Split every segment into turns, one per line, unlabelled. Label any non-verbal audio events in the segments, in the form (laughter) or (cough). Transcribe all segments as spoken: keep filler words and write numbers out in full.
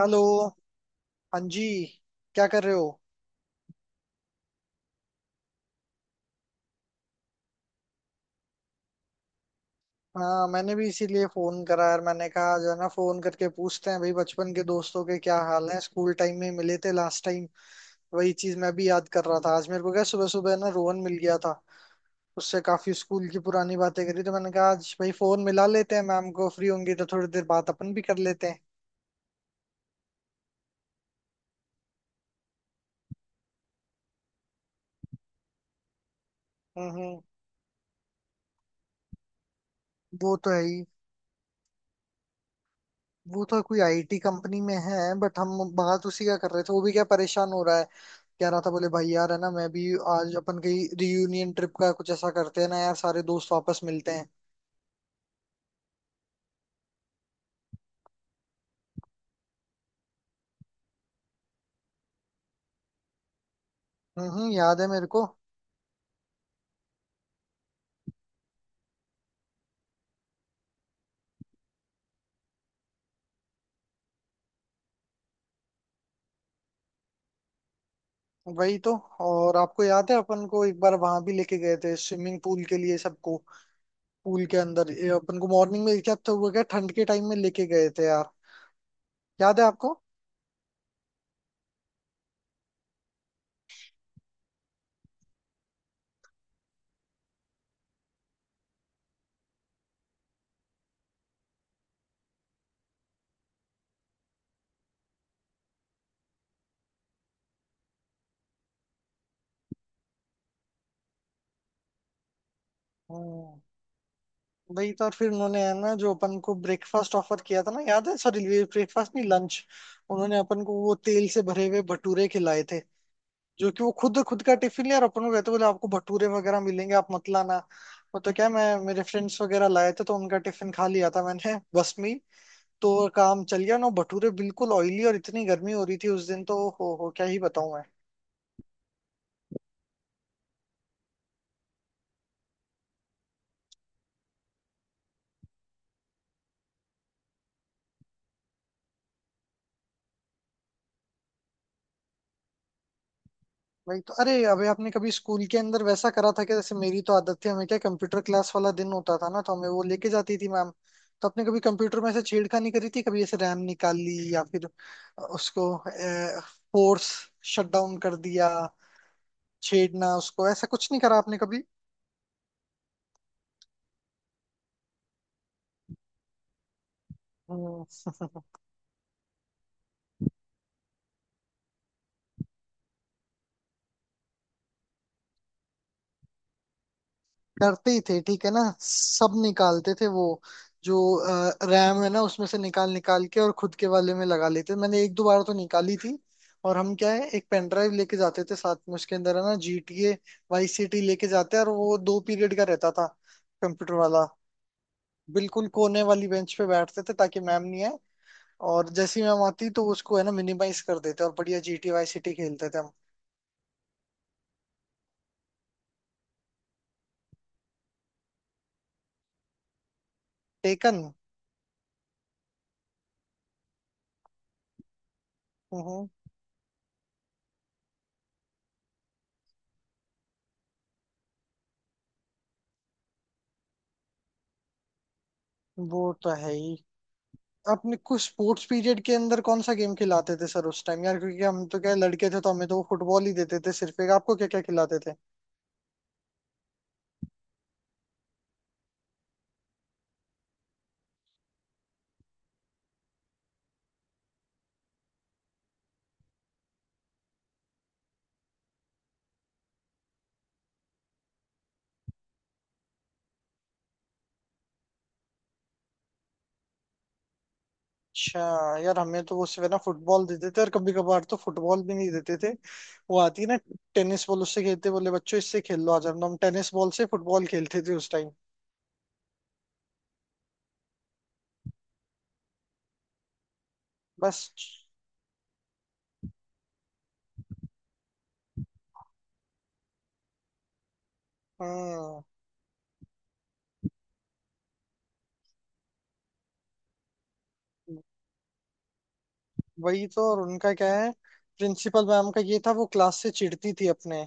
Hello. हाँ जी। क्या कर रहे हो? हाँ, मैंने भी इसीलिए फोन करा यार। मैंने कहा जो है ना, फोन करके पूछते हैं भाई बचपन के दोस्तों के क्या हाल हैं। स्कूल टाइम में मिले थे लास्ट टाइम। वही चीज मैं भी याद कर रहा था आज। मेरे को क्या, सुबह सुबह ना रोहन मिल गया था। उससे काफी स्कूल की पुरानी बातें करी तो मैंने कहा आज भाई फोन मिला लेते हैं। मैम को फ्री होंगी तो थोड़ी देर बात अपन भी कर लेते हैं। हम्म हम्म। वो तो है ही। वो तो कोई आई टी कंपनी में है बट हम बात उसी का कर रहे थे। वो भी क्या परेशान हो रहा है। कह रहा था, बोले भाई यार है ना, मैं भी। आज अपन कहीं रियूनियन ट्रिप का कुछ ऐसा करते हैं ना यार, सारे दोस्त वापस मिलते हैं। हम्म हम्म, याद है मेरे को। वही तो। और आपको याद है अपन को एक बार वहां भी लेके गए थे स्विमिंग पूल के लिए सबको, पूल के अंदर। ये अपन को मॉर्निंग में क्या, तो वो क्या ठंड के टाइम में लेके गए थे यार। याद है आपको? हम्म। वही तो। और फिर उन्होंने है ना जो अपन को ब्रेकफास्ट ऑफर किया था ना, याद है? सॉरी, ब्रेकफास्ट नहीं लंच। उन्होंने अपन को वो तेल से भरे हुए भटूरे खिलाए थे, जो कि वो खुद खुद का टिफिन लिया और अपन को कहते बोले आपको भटूरे वगैरह मिलेंगे आप मत लाना। वो तो क्या, मैं मेरे फ्रेंड्स वगैरह लाए थे तो उनका टिफिन खा लिया था मैंने (laughs) बस में ही। तो काम चल गया ना। भटूरे बिल्कुल ऑयली और इतनी गर्मी हो रही थी उस दिन, तो हो हो क्या ही बताऊं मैं। वही तो। अरे अभी आपने कभी स्कूल के अंदर वैसा करा था? कि जैसे मेरी तो आदत थी, हमें क्या कंप्यूटर क्लास वाला दिन होता था ना तो हमें वो लेके जाती थी मैम। तो आपने कभी कंप्यूटर में ऐसे छेड़खानी करी थी? कभी ऐसे रैम निकाल ली, या फिर उसको फोर्स शट डाउन कर दिया, छेड़ना उसको, ऐसा कुछ नहीं करा आपने कभी? हम्म। डरते ही थे ठीक है ना। सब निकालते थे वो जो रैम है ना, उसमें से निकाल निकाल के और खुद के वाले में लगा लेते थे। मैंने एक दो बार तो निकाली थी। और हम क्या है, एक पेन ड्राइव लेके जाते थे साथ में, उसके अंदर है ना G T A vice city लेके जाते हैं, और वो दो पीरियड का रहता था कंप्यूटर वाला। बिल्कुल कोने वाली बेंच पे बैठते थे ताकि मैम नहीं आए, और जैसी मैम आती तो उसको है ना मिनिमाइज कर देते और बढ़िया G T vice city खेलते थे हम। टेकन। हम्म। वो तो है ही। आपने कुछ स्पोर्ट्स पीरियड के अंदर कौन सा गेम खिलाते थे सर उस टाइम यार? क्योंकि हम तो क्या लड़के थे तो हमें तो वो फुटबॉल ही देते थे सिर्फ एक। आपको क्या क्या खिलाते थे? अच्छा। यार हमें तो वो सिर्फ है ना फुटबॉल देते थे, और कभी कभार तो फुटबॉल भी नहीं देते थे। वो आती है ना टेनिस बॉल, उससे खेलते, बोले बच्चों इससे खेल लो आज। हम हम टेनिस बॉल से फुटबॉल खेलते थे उस टाइम बस। हम्म। वही तो। और उनका क्या है, प्रिंसिपल मैम का ये था, वो क्लास से चिढ़ती थी अपने।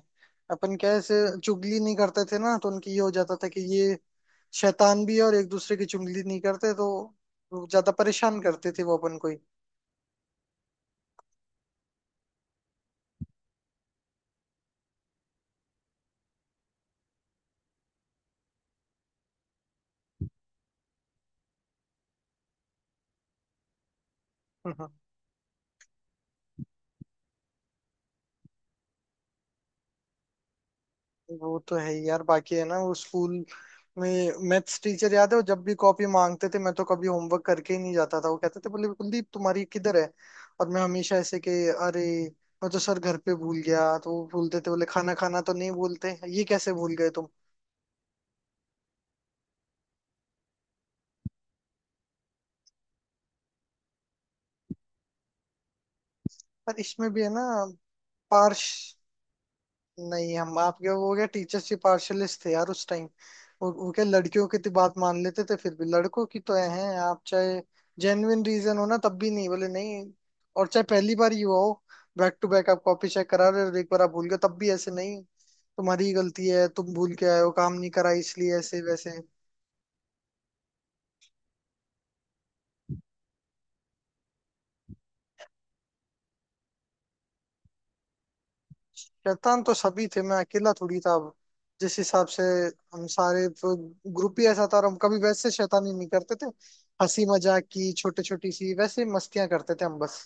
अपन कैसे चुगली नहीं करते थे ना, तो उनकी ये हो जाता था कि ये शैतान भी है और एक दूसरे की चुगली नहीं करते, तो वो ज्यादा परेशान करते थे वो अपन को ही। वो तो है ही यार। बाकी है ना वो स्कूल में मैथ्स टीचर याद है, वो जब भी कॉपी मांगते थे, मैं तो कभी होमवर्क करके ही नहीं जाता था। वो कहते थे बोले कुलदीप तुम्हारी किधर है? और मैं हमेशा ऐसे कि अरे मैं तो सर घर पे भूल गया। तो वो बोलते थे बोले खाना खाना तो नहीं बोलते ये, कैसे भूल गए तुम? पर इसमें भी है ना पार्श नहीं, हम आपके वो क्या टीचर्स ही पार्शलिस्ट थे यार उस टाइम। वो, वो क्या, लड़कियों की तो बात मान लेते थे फिर भी, लड़कों की तो हैं आप चाहे जेन्युइन रीजन हो ना, तब भी नहीं बोले नहीं। और चाहे पहली बार ही हुआ हो, बैक टू बैक आप कॉपी चेक करा रहे हो और एक बार आप भूल गए, तब भी ऐसे नहीं, तुम्हारी ही गलती है, तुम भूल के आए हो, काम नहीं करा इसलिए ऐसे वैसे। शैतान तो सभी थे, मैं अकेला थोड़ी था अब जिस हिसाब से। हम सारे ग्रुप ही ऐसा था, और हम कभी वैसे शैतानी नहीं करते थे। हंसी मजाक की छोटी छोटी सी वैसे मस्तियां करते थे हम बस।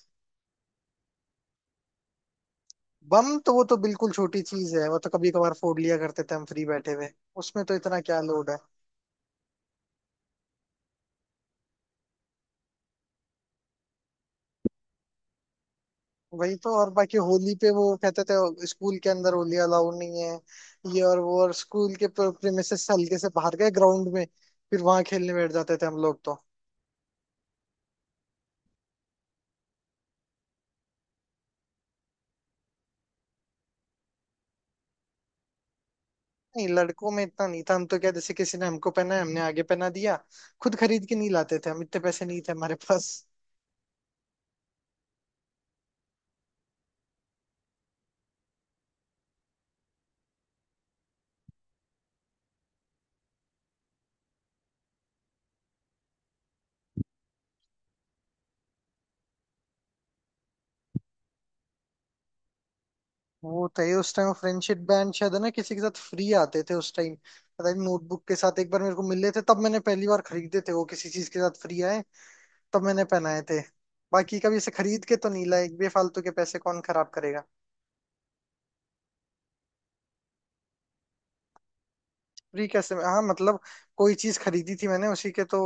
बम तो वो तो बिल्कुल छोटी चीज है, वो तो कभी कभार फोड़ लिया करते थे हम फ्री बैठे हुए। उसमें तो इतना क्या लोड है। वही तो। और बाकी होली पे वो कहते थे स्कूल के अंदर होली अलाउड नहीं है ये और वो, और स्कूल के प्रेमिसेस से हल्के से बाहर गए ग्राउंड में, फिर वहां खेलने बैठ जाते थे हम लोग तो। नहीं, लड़कों में इतना नहीं था। हम तो क्या, जैसे किसी ने हमको पहना है, हमने आगे पहना दिया। खुद खरीद के नहीं लाते थे हम, इतने पैसे नहीं थे हमारे पास। वो तो ये उस टाइम फ्रेंडशिप बैंड शायद है ना किसी के साथ फ्री आते थे उस टाइम, पता नहीं नोटबुक के साथ एक बार मेरे को मिले थे, तब मैंने पहली बार खरीदे थे वो, किसी चीज के साथ फ्री आए, तब मैंने पहनाए थे। बाकी कभी इसे खरीद के तो नहीं लाए, एक बेफालतू के पैसे कौन खराब करेगा। फ्री कैसे में, हाँ मतलब कोई चीज खरीदी थी मैंने उसी के तो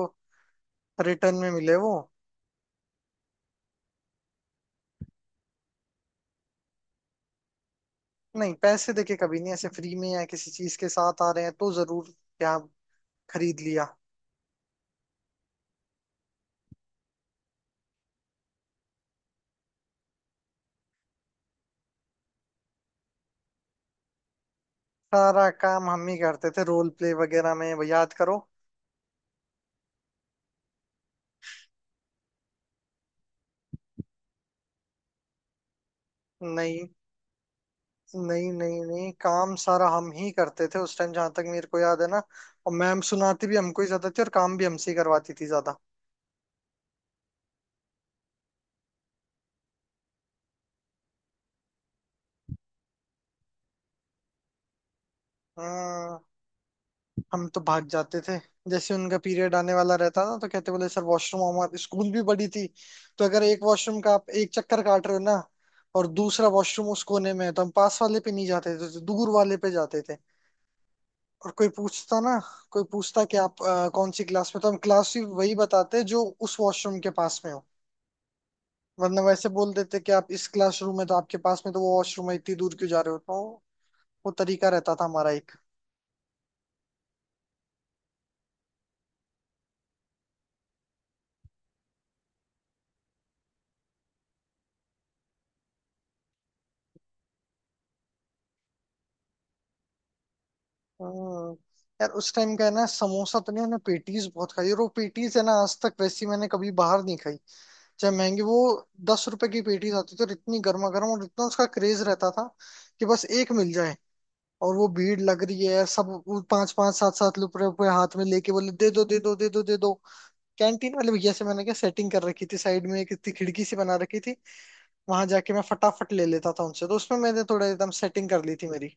रिटर्न में मिले वो। नहीं, पैसे देके कभी नहीं, ऐसे फ्री में या किसी चीज के साथ आ रहे हैं तो जरूर क्या खरीद लिया। सारा काम हम ही करते थे रोल प्ले वगैरह में, वो याद करो। नहीं नहीं नहीं, नहीं काम सारा हम ही करते थे उस टाइम जहां तक मेरे को याद है ना। और मैम सुनाती भी हमको ही ज्यादा थी और काम भी हमसे ही करवाती थी ज्यादा। हम्म। हम तो भाग जाते थे। जैसे उनका पीरियड आने वाला रहता ना तो कहते बोले सर वॉशरूम। हमारे स्कूल भी बड़ी थी, तो अगर एक वॉशरूम का आप एक चक्कर काट रहे हो ना, और दूसरा वॉशरूम उस कोने में है, तो हम पास वाले पे नहीं जाते थे, तो दूर वाले पे जाते थे। और कोई पूछता ना, कोई पूछता कि आप अ, कौन सी क्लास में, तो हम क्लास भी वही बताते जो उस वॉशरूम के पास में हो, वरना वैसे बोल देते कि आप इस क्लासरूम में तो आपके पास में तो वो वॉशरूम है, इतनी दूर क्यों जा रहे हो? तो वो तरीका रहता था हमारा एक। हम्म, यार उस टाइम का है ना समोसा तो नहीं, मैंने पेटीज बहुत खाई, और वो पेटीज है ना आज तक वैसी मैंने कभी बाहर नहीं खाई, चाहे महंगी वो। दस रुपए की पेटीज आती थी, और इतनी गर्मा गर्म, और इतना उसका क्रेज रहता था कि बस एक मिल जाए। और वो भीड़ लग रही है, सब वो पांच पांच सात सात रुपए रुपए हाथ में लेके बोले दे दो दे दो दे दो दे दो। कैंटीन वाले भैया से मैंने क्या सेटिंग कर रखी थी, साइड में एक इतनी खिड़की सी बना रखी थी, वहां जाके मैं फटाफट ले लेता था उनसे। तो उसमें मैंने थोड़ा एकदम सेटिंग कर ली थी मेरी।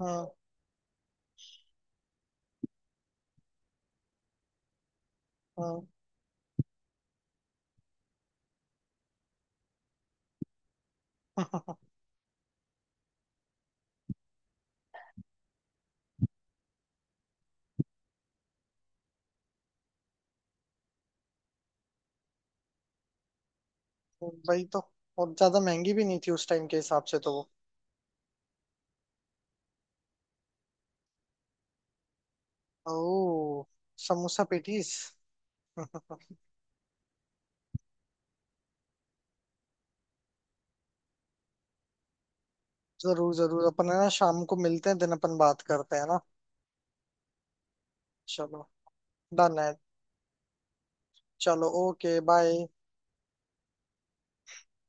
हाँ हाँ (laughs) वही तो। और ज्यादा महंगी भी नहीं थी उस टाइम के हिसाब से तो। वो ओह, समोसा पेटीज (laughs) जरूर जरूर। अपन है ना शाम को मिलते हैं, दिन अपन बात करते हैं ना। चलो डन है। चलो ओके, बाय।